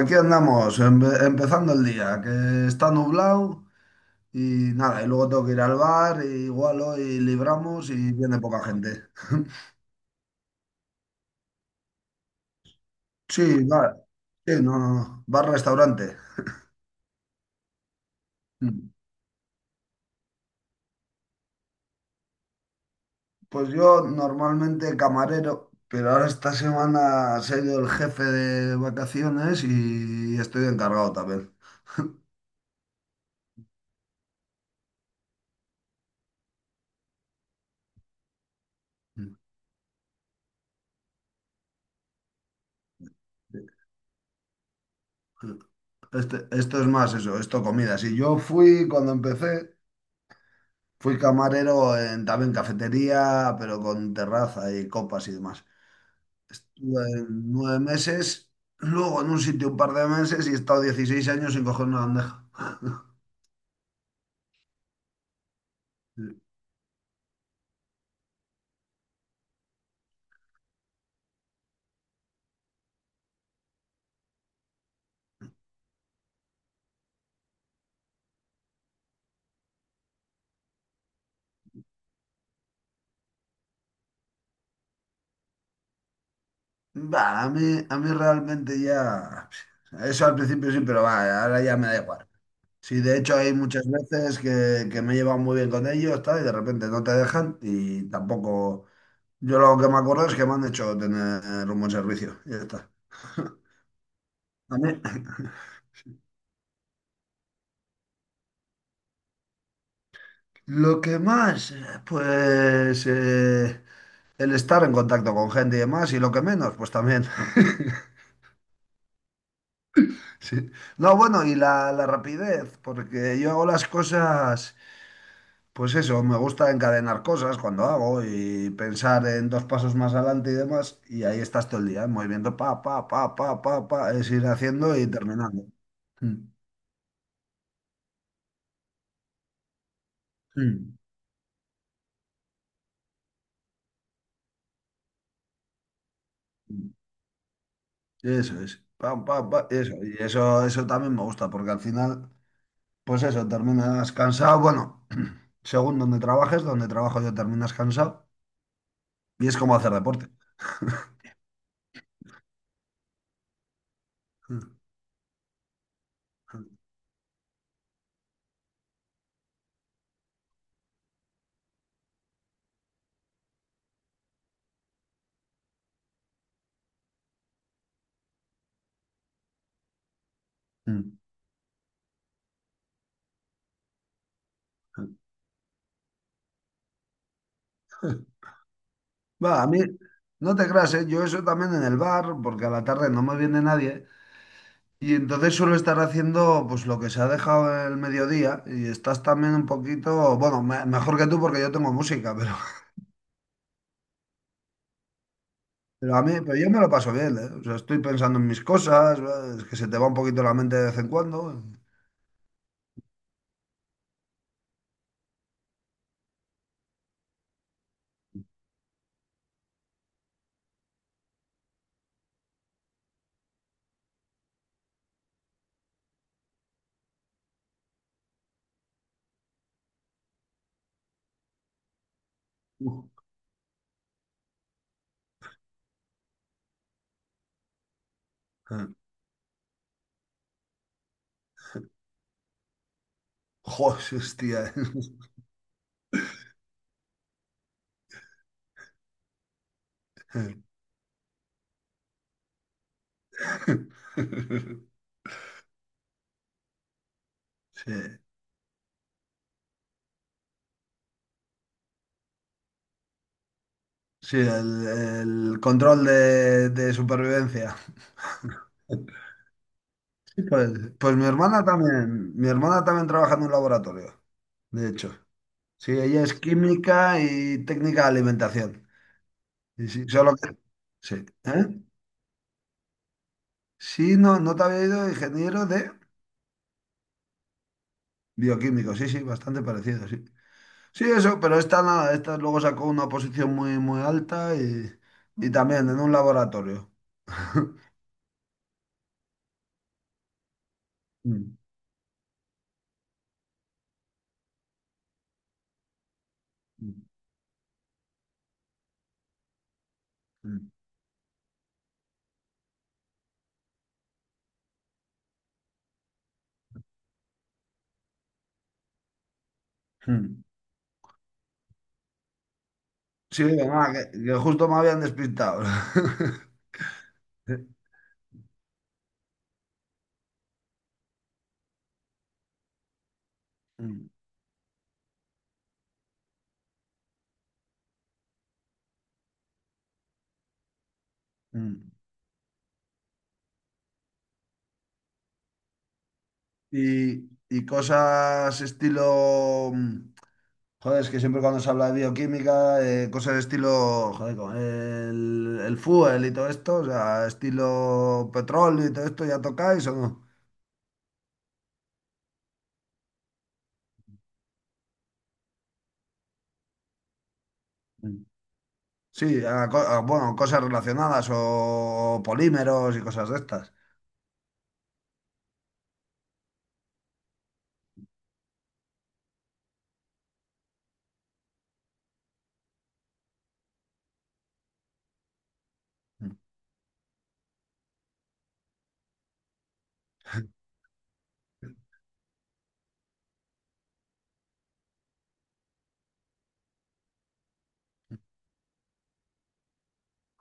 Aquí andamos, empezando el día, que está nublado y nada, y luego tengo que ir al bar, y igual hoy libramos y viene poca gente. Sí, bar, sí, no, no, no, bar-restaurante. Mm. Pues yo normalmente camarero, pero ahora esta semana se ha ido el jefe de vacaciones y estoy encargado también. Mm. Esto es más eso, esto comida. Si yo fui cuando empecé. Fui camarero en, también cafetería, pero con terraza y copas y demás. Estuve 9 meses, luego en un sitio un par de meses y he estado 16 años sin coger una bandeja. Va a mí realmente ya... Eso al principio sí, pero va, ahora ya me da igual. Sí, de hecho hay muchas veces que me he llevado muy bien con ellos, tal, y de repente no te dejan y tampoco... Yo lo que me acuerdo es que me han hecho tener un buen servicio. Y ya está. A mí. Lo que más, pues el estar en contacto con gente y demás, y lo que menos, pues también. Sí. No, bueno, y la rapidez, porque yo hago las cosas, pues eso, me gusta encadenar cosas cuando hago y pensar en dos pasos más adelante y demás, y ahí estás todo el día, en movimiento, pa, pa, pa, pa, pa, pa, es ir haciendo y terminando. Mm, mm, mm. Eso es, pa, pa, pa, eso, y eso, eso también me gusta, porque al final... Pues eso, terminas cansado. Bueno, según donde trabajes, donde trabajo yo terminas cansado. Y es como hacer deporte. Mm, mm. Va, a mí, no te creas, ¿eh? Yo eso también en el bar, porque a la tarde no me viene nadie. Y entonces suelo estar haciendo pues lo que se ha dejado el mediodía. Y estás también un poquito, bueno, mejor que tú porque yo tengo música, pero a mí, pero yo me lo paso bien, ¿eh? O sea, estoy pensando en mis cosas, ¿eh?, es que se te va un poquito la mente de vez en cuando. Joder, hostia. Sí, sí, el control de supervivencia. Sí, pues, pues mi hermana también trabaja en un laboratorio, de hecho. Sí, ella es química y técnica de alimentación. Y sí, solo que- sí, ¿eh? Sí, no, no te había ido ingeniero de bioquímico, sí, sí, bastante parecido, sí. Sí, eso, pero esta nada, esta luego sacó una posición muy, muy alta y también en un laboratorio. Mm, mm, mm. Mm. Sí, ah, que justo me habían despistado. Sí. Mm, mm. Y, y cosas estilo... mm, joder, es que siempre cuando se habla de bioquímica, cosas estilo, joder, como el fuel y todo esto, o sea, estilo petróleo y todo esto, ¿ya tocáis o no? Mm. Sí, a, bueno, cosas relacionadas o polímeros y cosas de estas. Mm,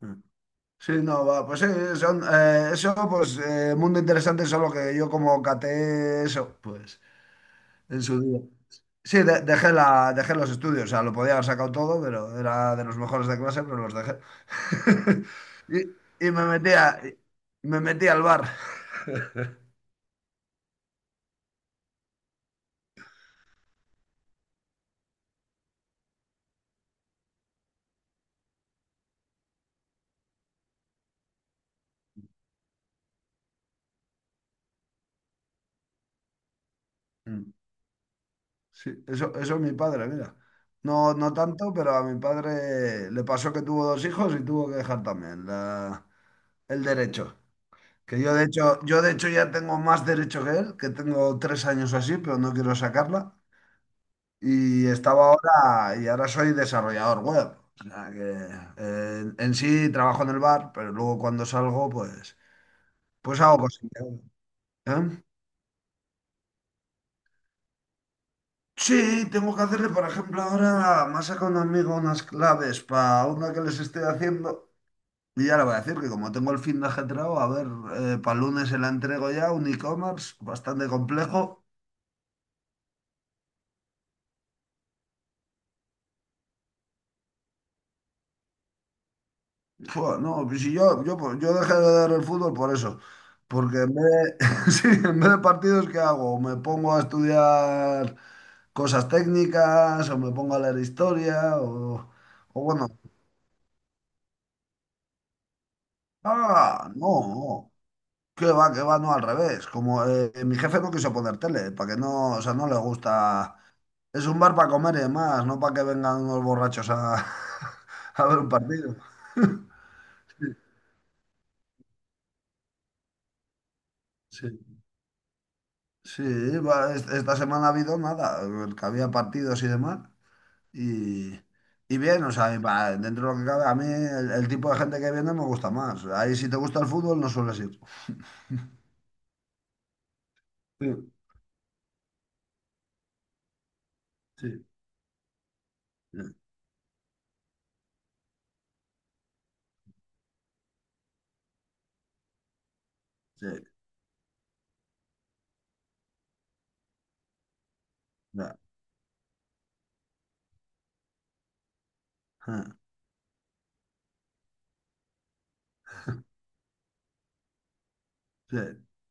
mm. Sí, no, va, pues sí, son, eso, pues mundo interesante, solo que yo como caté eso, pues en su día. Sí, dejé la, dejé los estudios, o sea, lo podía haber sacado todo, pero era de los mejores de clase, pero los dejé. Y, y me metía, me metí al bar. Mm, sí, eso es mi padre, mira. No, no tanto, pero a mi padre le pasó que tuvo dos hijos y tuvo que dejar también el derecho. Que yo de hecho ya tengo más derecho que él, que tengo 3 años o así, pero no quiero sacarla. Y estaba ahora, y ahora soy desarrollador web. O sea que en sí trabajo en el bar, pero luego cuando salgo, pues, pues hago cositas. ¿Eh? Sí, tengo que hacerle, por ejemplo, ahora me ha sacado un amigo unas claves para una que les estoy haciendo. Y ya le voy a decir que como tengo el fin de ajetreado, a ver, para lunes se la entrego ya, un e-commerce bastante complejo. Fua, no, pues si yo, yo dejé de ver el fútbol por eso. Porque en vez de, sí, en vez de partidos, ¿qué hago? O me pongo a estudiar cosas técnicas, o me pongo a leer historia, o bueno. Ah, no, que va, no al revés. Como mi jefe no quiso poner tele, para que no, o sea, no le gusta. Es un bar para comer y demás, no para que vengan unos borrachos a, a ver un partido. Sí, sí. Sí, va, esta semana ha habido nada, el que había partidos y demás. Y, y bien, o sea, y va, dentro de lo que cabe, a mí el tipo de gente que viene me gusta más. Ahí si te gusta el fútbol no sueles ir. Sí, sí, sí, sí, ya, ja, sí.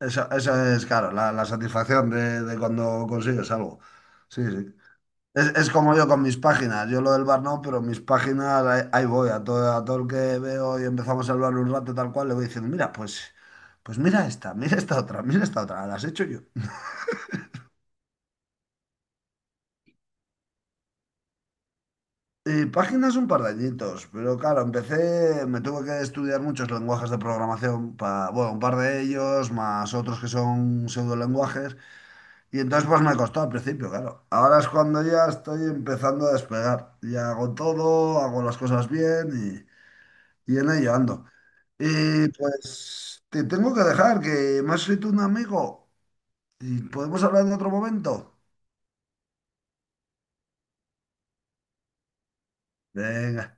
Esa es, claro, la satisfacción de cuando consigues algo. Sí, sí. Es como yo con mis páginas. Yo lo del bar no, pero mis páginas ahí, ahí voy. A todo el que veo y empezamos a hablar un rato tal cual, le voy diciendo, mira, pues, pues mira esta otra, las he hecho yo. Y páginas un par de añitos, pero claro, empecé, me tuve que estudiar muchos lenguajes de programación, para, bueno, un par de ellos, más otros que son pseudolenguajes, y entonces pues me costó al principio, claro. Ahora es cuando ya estoy empezando a despegar, ya hago todo, hago las cosas bien y en ello ando. Y pues te tengo que dejar, que me ha escrito un amigo. ¿Y podemos hablar en otro momento? Venga.